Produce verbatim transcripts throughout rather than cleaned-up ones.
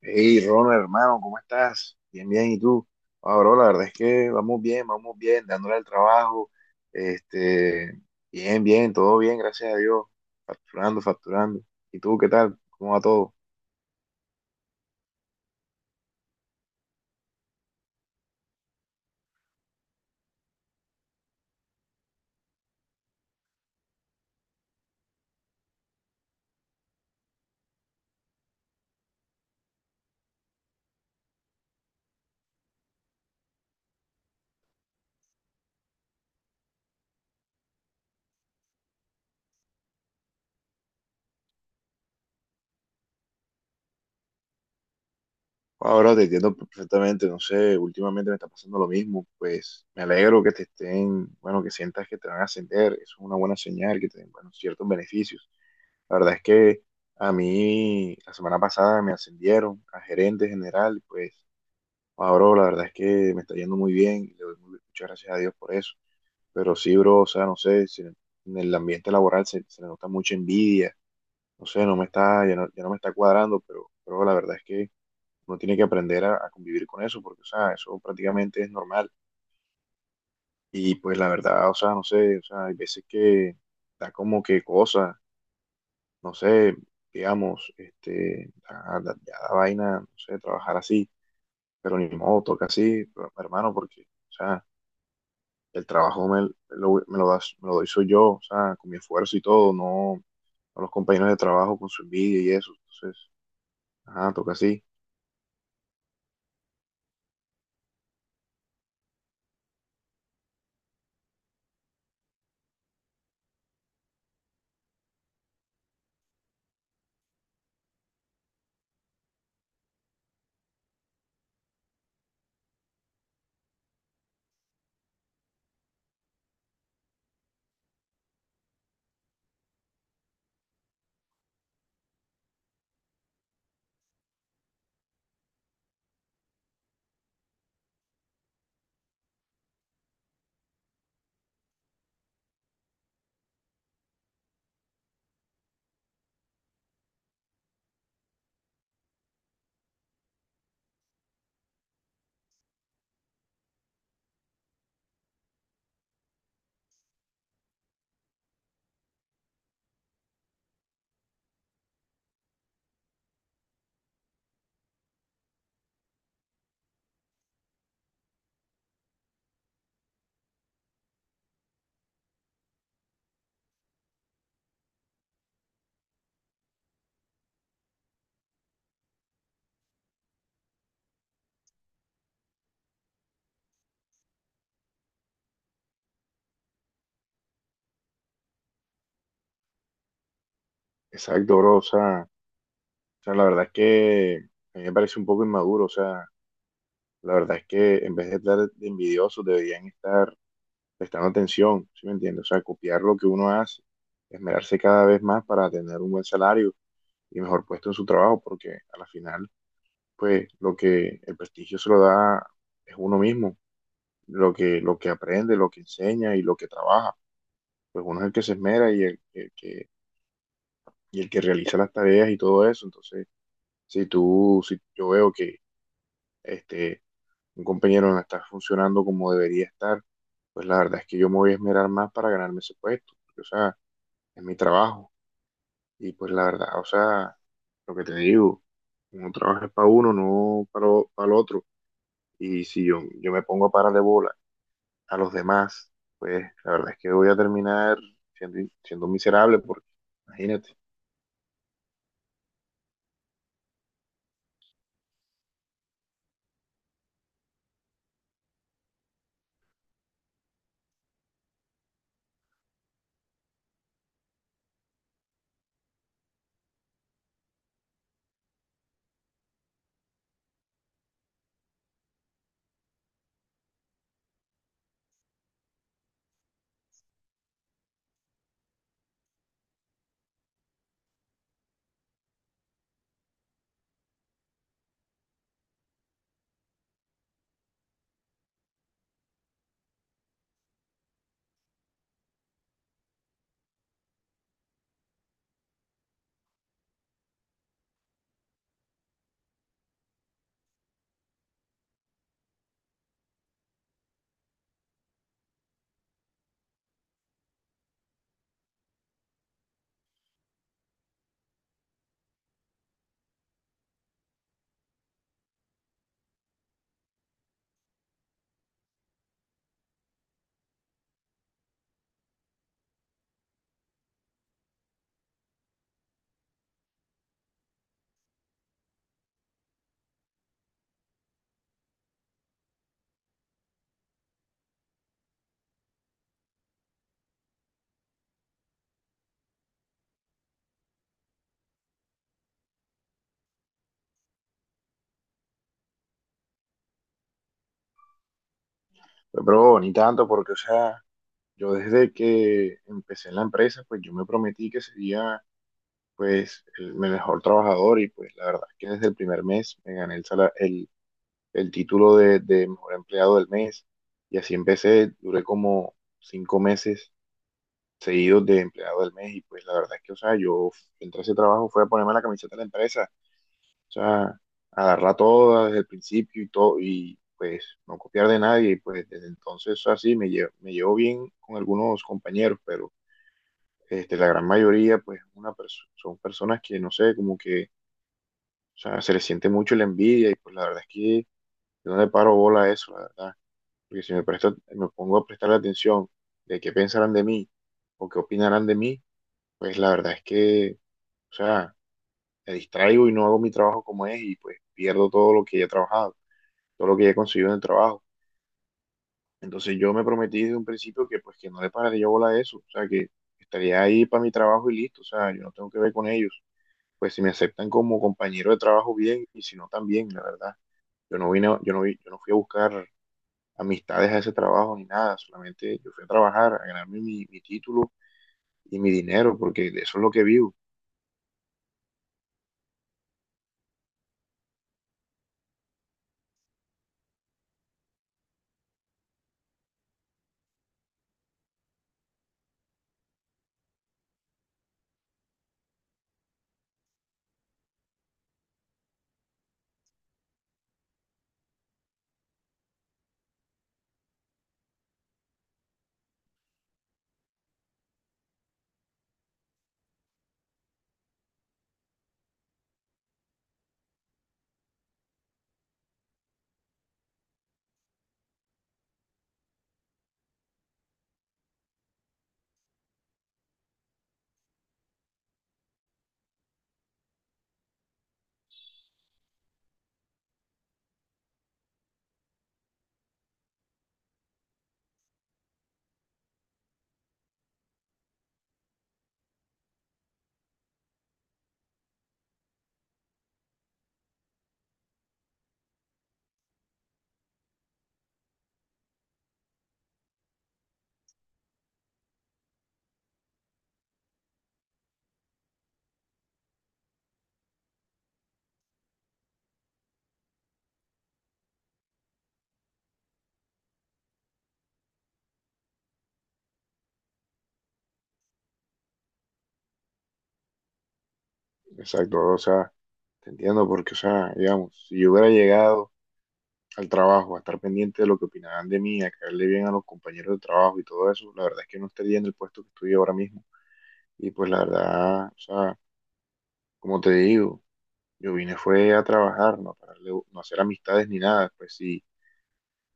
Hey, Ronald, hermano, ¿cómo estás? Bien, bien, ¿y tú? Ah, bro, la verdad es que vamos bien, vamos bien, dándole al trabajo, este, bien, bien, todo bien, gracias a Dios, facturando, facturando. ¿Y tú qué tal? ¿Cómo va todo? Ah, bro, te entiendo perfectamente, no sé, últimamente me está pasando lo mismo, pues me alegro que te estén, bueno, que sientas que te van a ascender, eso es una buena señal, que te den, bueno, ciertos beneficios. La verdad es que a mí la semana pasada me ascendieron a gerente general, pues. Ah, bro, la verdad es que me está yendo muy bien, y le doy muy- muchas gracias a Dios por eso. Pero sí, bro, o sea, no sé, se- en el ambiente laboral se, se le nota mucha envidia, no sé, no me está, ya no, ya no me está cuadrando, pero, pero la verdad es que uno tiene que aprender a, a convivir con eso, porque, o sea, eso prácticamente es normal. Y pues la verdad, o sea, no sé, o sea, hay veces que da como que cosa, no sé, digamos, este, da- da- ya da vaina, no sé, trabajar así, pero ni modo, toca así, pero, hermano, porque, o sea, el trabajo me lo, me lo das, me lo doy soy yo, o sea, con mi esfuerzo y todo, no, no los compañeros de trabajo con su envidia y eso. Entonces, ajá, toca así. Exacto, bro, o sea, o sea, la verdad es que a mí me parece un poco inmaduro, o sea, la verdad es que en vez de estar de envidiosos deberían estar prestando atención, ¿sí me entiendes? O sea, copiar lo que uno hace, esmerarse cada vez más para tener un buen salario y mejor puesto en su trabajo, porque a la final, pues, lo que el prestigio se lo da es uno mismo. lo que, lo que aprende, lo que enseña y lo que trabaja. Pues uno es el que se esmera y el, el que, y el que realiza las tareas y todo eso. Entonces, si tú, si yo veo que este, un compañero no está funcionando como debería estar, pues la verdad es que yo me voy a esmerar más para ganarme ese puesto, porque, o sea, es mi trabajo. Y pues la verdad, o sea, lo que te digo, uno trabaja para uno, no para, lo- para el otro. Y si yo, yo me pongo a parar de bola a los demás, pues la verdad es que voy a terminar siendo, siendo miserable, porque imagínate. Pero ni tanto, porque, o sea, yo desde que empecé en la empresa, pues yo me prometí que sería, pues, el mejor trabajador y pues la verdad es que desde el primer mes me gané el, sala- el, el título de, de mejor empleado del mes y así empecé, duré como cinco meses seguidos de empleado del mes y pues la verdad es que, o sea, yo entré a ese trabajo, fue a ponerme la camiseta de la empresa. O sea, agarrar todo desde el principio y todo, y pues no copiar de nadie. Y pues desde entonces así me llevo, me llevo bien con algunos compañeros, pero este, la gran mayoría pues una perso- son personas que no sé, como que, o sea, se les siente mucho la envidia y pues la verdad es que yo no le paro bola a eso, la verdad. Porque si me presto, me pongo a prestar atención de qué pensarán de mí o qué opinarán de mí, pues la verdad es que, o sea, me distraigo y no hago mi trabajo como es y pues pierdo todo lo que ya he trabajado, todo lo que he conseguido en el trabajo. Entonces yo me prometí desde un principio que pues que no le pararé yo bola a eso, o sea, que estaría ahí para mi trabajo y listo, o sea, yo no tengo que ver con ellos. Pues si me aceptan como compañero de trabajo bien y si no también, la verdad. Yo no vine, a- yo no vi- yo no fui a buscar amistades a ese trabajo ni nada, solamente yo fui a trabajar, a ganarme mi, mi título y mi dinero, porque de eso es lo que vivo. Exacto, o sea, te entiendo, porque, o sea, digamos, si yo hubiera llegado al trabajo, a estar pendiente de lo que opinaban de mí, a caerle bien a los compañeros de trabajo y todo eso, la verdad es que no estaría en el puesto que estoy ahora mismo. Y pues la verdad, o sea, como te digo, yo vine fue a trabajar, no, a pararle- no a hacer amistades ni nada. Pues si,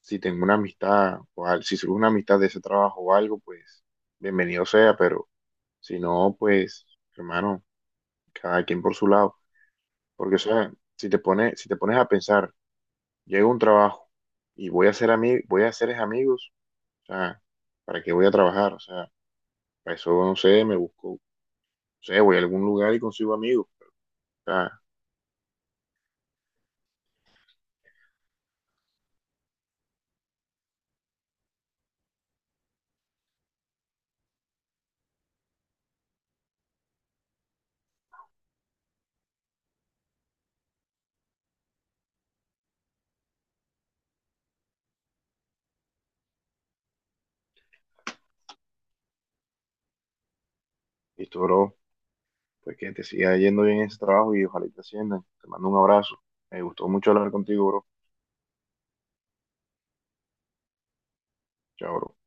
si tengo una amistad, o al- si surge una amistad de ese trabajo o algo, pues bienvenido sea, pero si no, pues hermano, cada quien por su lado. Porque, o sea, si te pones, si te pones a pensar, llego a un trabajo y voy a hacer, ami- voy a hacer es amigos. O sea, ¿para qué voy a trabajar? O sea, para eso no sé, me busco, no sé, voy a algún lugar y consigo amigos. O sea, listo, bro, pues que te siga yendo bien en ese trabajo y ojalá y te asciendan. Te mando un abrazo. Me gustó mucho hablar contigo, bro. Chao, bro.